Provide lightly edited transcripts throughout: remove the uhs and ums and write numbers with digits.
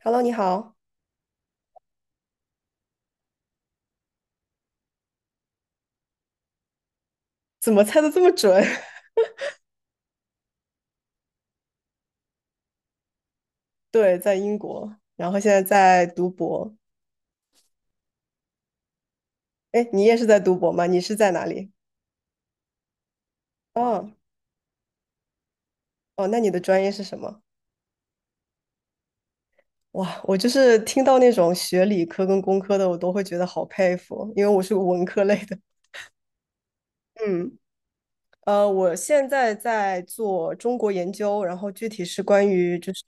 Hello，你好，怎么猜的这么准？对，在英国，然后现在在读博。哎，你也是在读博吗？你是在哪里？哦哦，那你的专业是什么？哇，我就是听到那种学理科跟工科的，我都会觉得好佩服，因为我是个文科类的。嗯，我现在在做中国研究，然后具体是关于就是，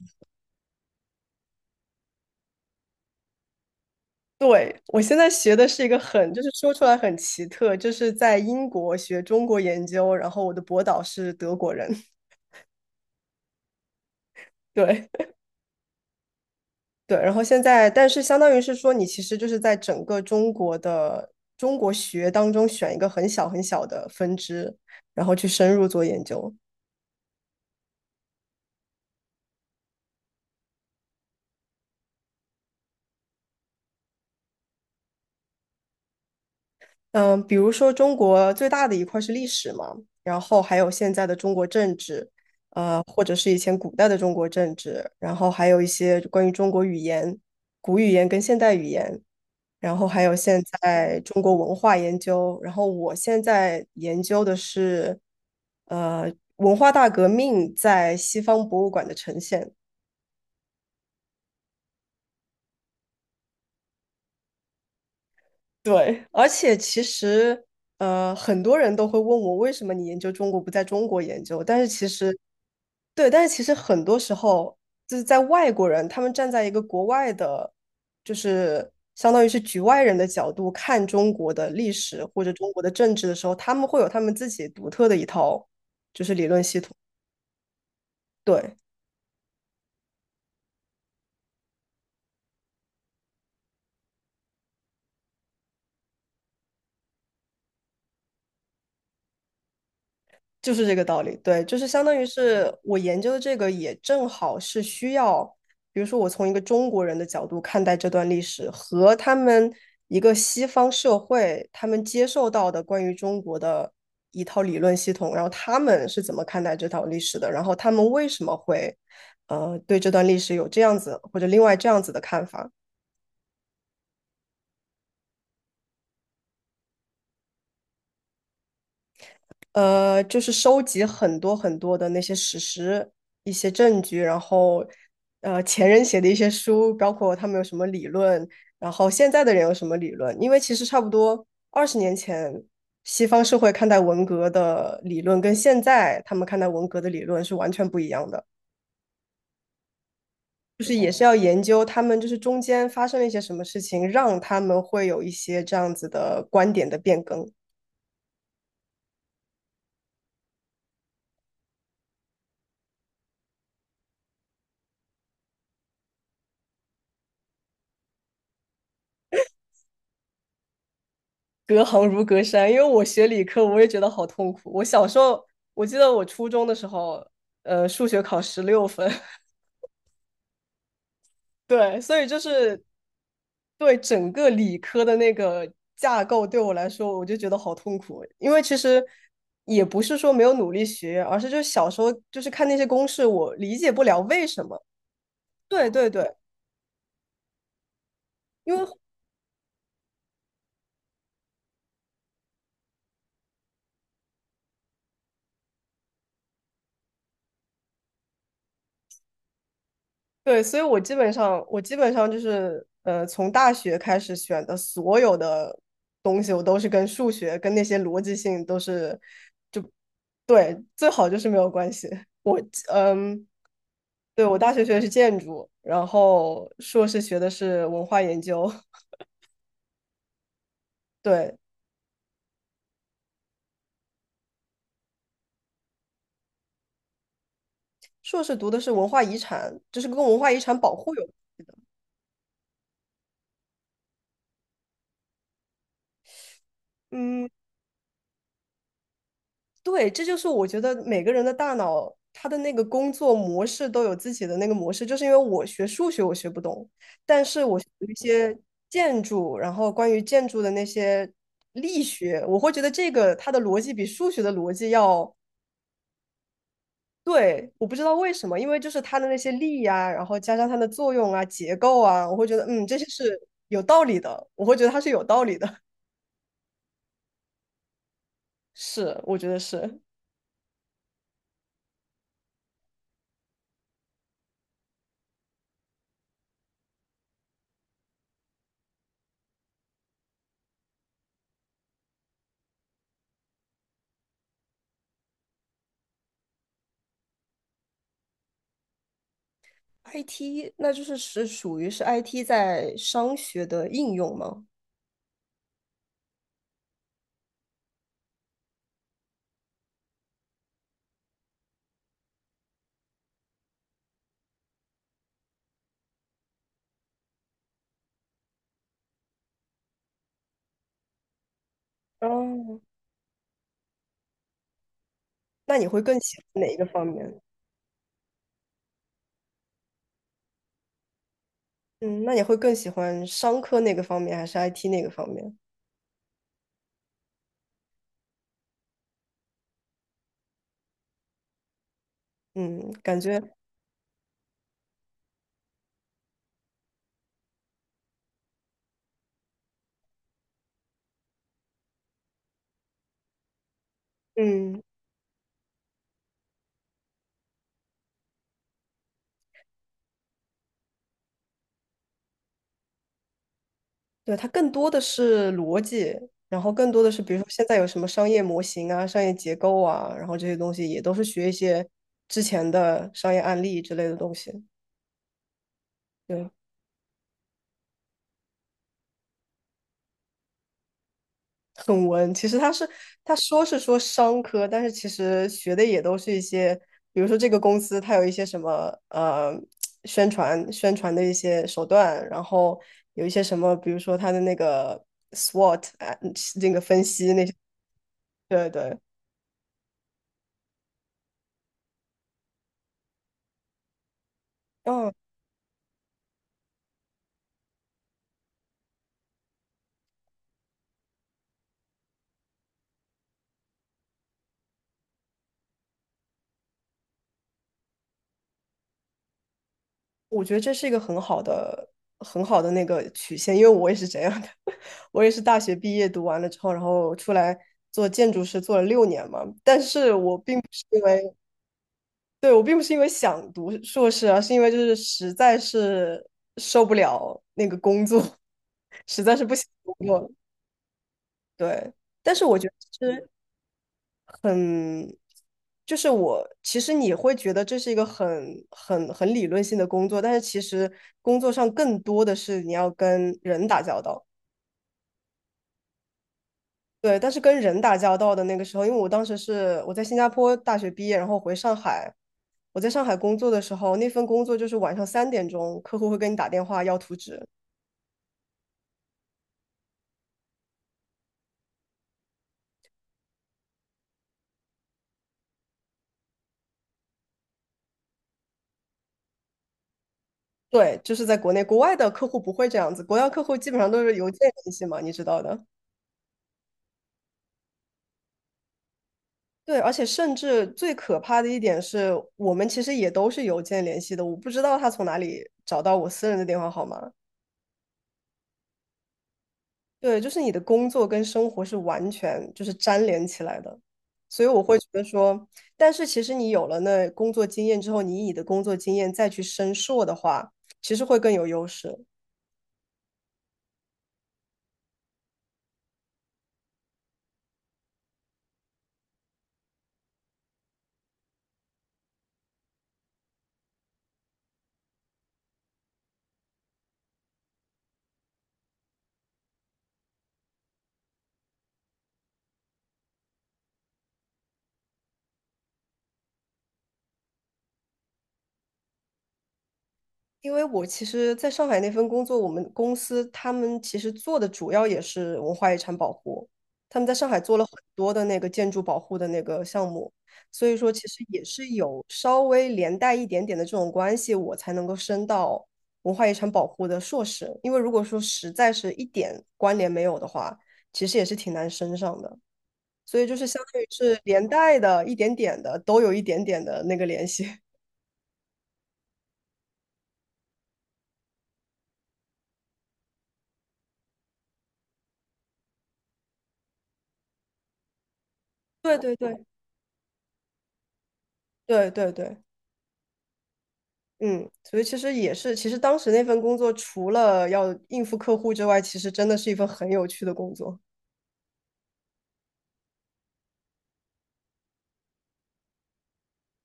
对，我现在学的是一个很，就是说出来很奇特，就是在英国学中国研究，然后我的博导是德国人，对。对，然后现在，但是相当于是说，你其实就是在整个中国的中国学当中选一个很小很小的分支，然后去深入做研究。嗯，比如说中国最大的一块是历史嘛，然后还有现在的中国政治，或者是以前古代的中国政治，然后还有一些关于中国语言、古语言跟现代语言，然后还有现在中国文化研究，然后我现在研究的是，文化大革命在西方博物馆的呈现。对，而且其实，很多人都会问我，为什么你研究中国不在中国研究？但是其实，对，但是其实很多时候就是在外国人，他们站在一个国外的，就是相当于是局外人的角度看中国的历史或者中国的政治的时候，他们会有他们自己独特的一套，对，就是这个道理，对，就是相当于是我研究的这个也正好是需要，比如说我从一个中国人的角度看待这段历史，和他们一个西方社会他们接受到的关于中国的一套理论系统，然后他们是怎么看待这套历史的，然后他们为什么会对这段历史有这样子或者另外这样子的看法，就是收集很多很多的那些史实、一些证据，然后，前人写的一些书，包括他们有什么理论，然后现在的人有什么理论。因为其实差不多20年前，西方社会看待文革的理论跟现在他们看待文革的理论是完全不一样的。就是也是要研究他们就是中间发生了一些什么事情，让他们会有一些这样子的观点的变更。隔行如隔山，因为我学理科，我也觉得好痛苦。我小时候，我记得我初中的时候，数学考16分，对，所以就是对整个理科的那个架构对我来说，我就觉得好痛苦。因为其实也不是说没有努力学，而是就小时候就是看那些公式，我理解不了为什么。对对对，因为对，所以我基本上就是，从大学开始选的所有的东西，我都是跟数学、跟那些逻辑性都是，对，最好就是没有关系。我，嗯，对，我大学学的是建筑，然后硕士学的是文化研究，对，硕士读的是文化遗产，就是跟文化遗产保护有，嗯，对，这就是我觉得每个人的大脑，他的那个工作模式都有自己的那个模式。就是因为我学数学我学不懂，但是我学一些建筑，然后关于建筑的那些力学，我会觉得这个它的逻辑比数学的逻辑要对。我不知道为什么，因为就是它的那些力呀、然后加上它的作用啊、结构啊，我会觉得这些是有道理的，我会觉得它是有道理的。是，我觉得是。IT，那就是属于 IT 在商学的应用吗？哦，那你会更喜欢哪一个方面？嗯，那你会更喜欢商科那个方面，还是 IT 那个方面？嗯，感觉，嗯，对，它更多的是逻辑，然后更多的是，比如说现在有什么商业模型啊、商业结构啊，然后这些东西也都是学一些之前的商业案例之类的东西。对，很文。其实他是他说是说商科，但是其实学的也都是一些，比如说这个公司它有一些什么呃宣传宣传的一些手段，然后有一些什么，比如说它的那个 SWOT 啊，那个分析那些，对对，嗯，我觉得这是一个很好的很好的那个曲线，因为我也是这样的，我也是大学毕业读完了之后，然后出来。做建筑师做了6年嘛，但是我并不是因为对，我并不是因为想读硕士啊，是因为就是实在是受不了那个工作，实在是不想工作了对，但是我觉得其实很，就是我其实你会觉得这是一个很很很理论性的工作，但是其实工作上更多的是你要跟人打交道。对，但是跟人打交道的那个时候，因为我当时是我在新加坡大学毕业，然后回上海，我在上海工作的时候，那份工作就是晚上3点钟，客户会跟你打电话要图纸。对，就是在国内，国外的客户不会这样子，国外客户基本上都是邮件联系嘛，你知道的。对，而且甚至最可怕的一点是，我们其实也都是邮件联系的，我不知道他从哪里找到我私人的电话号码。对，就是你的工作跟生活是完全就是粘连起来的，所以我会觉得说，但是其实你有了那工作经验之后，你以你的工作经验再去申硕的话，其实会更有优势。因为我其实在上海那份工作，我们公司他们其实做的主要也是文化遗产保护，他们在上海做了很多的那个建筑保护的那个项目，所以说其实也是有稍微连带一点点的这种关系，我才能够升到文化遗产保护的硕士，因为如果说实在是一点关联没有的话，其实也是挺难升上的，所以就是相当于是连带的一点点的，都有一点点的那个联系。对对对对对对。嗯，所以其实也是，其实当时那份工作除了要应付客户之外，其实真的是一份很有趣的工作。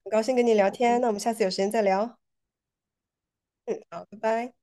很高兴跟你聊天，那我们下次有时间再聊。嗯，好，拜拜。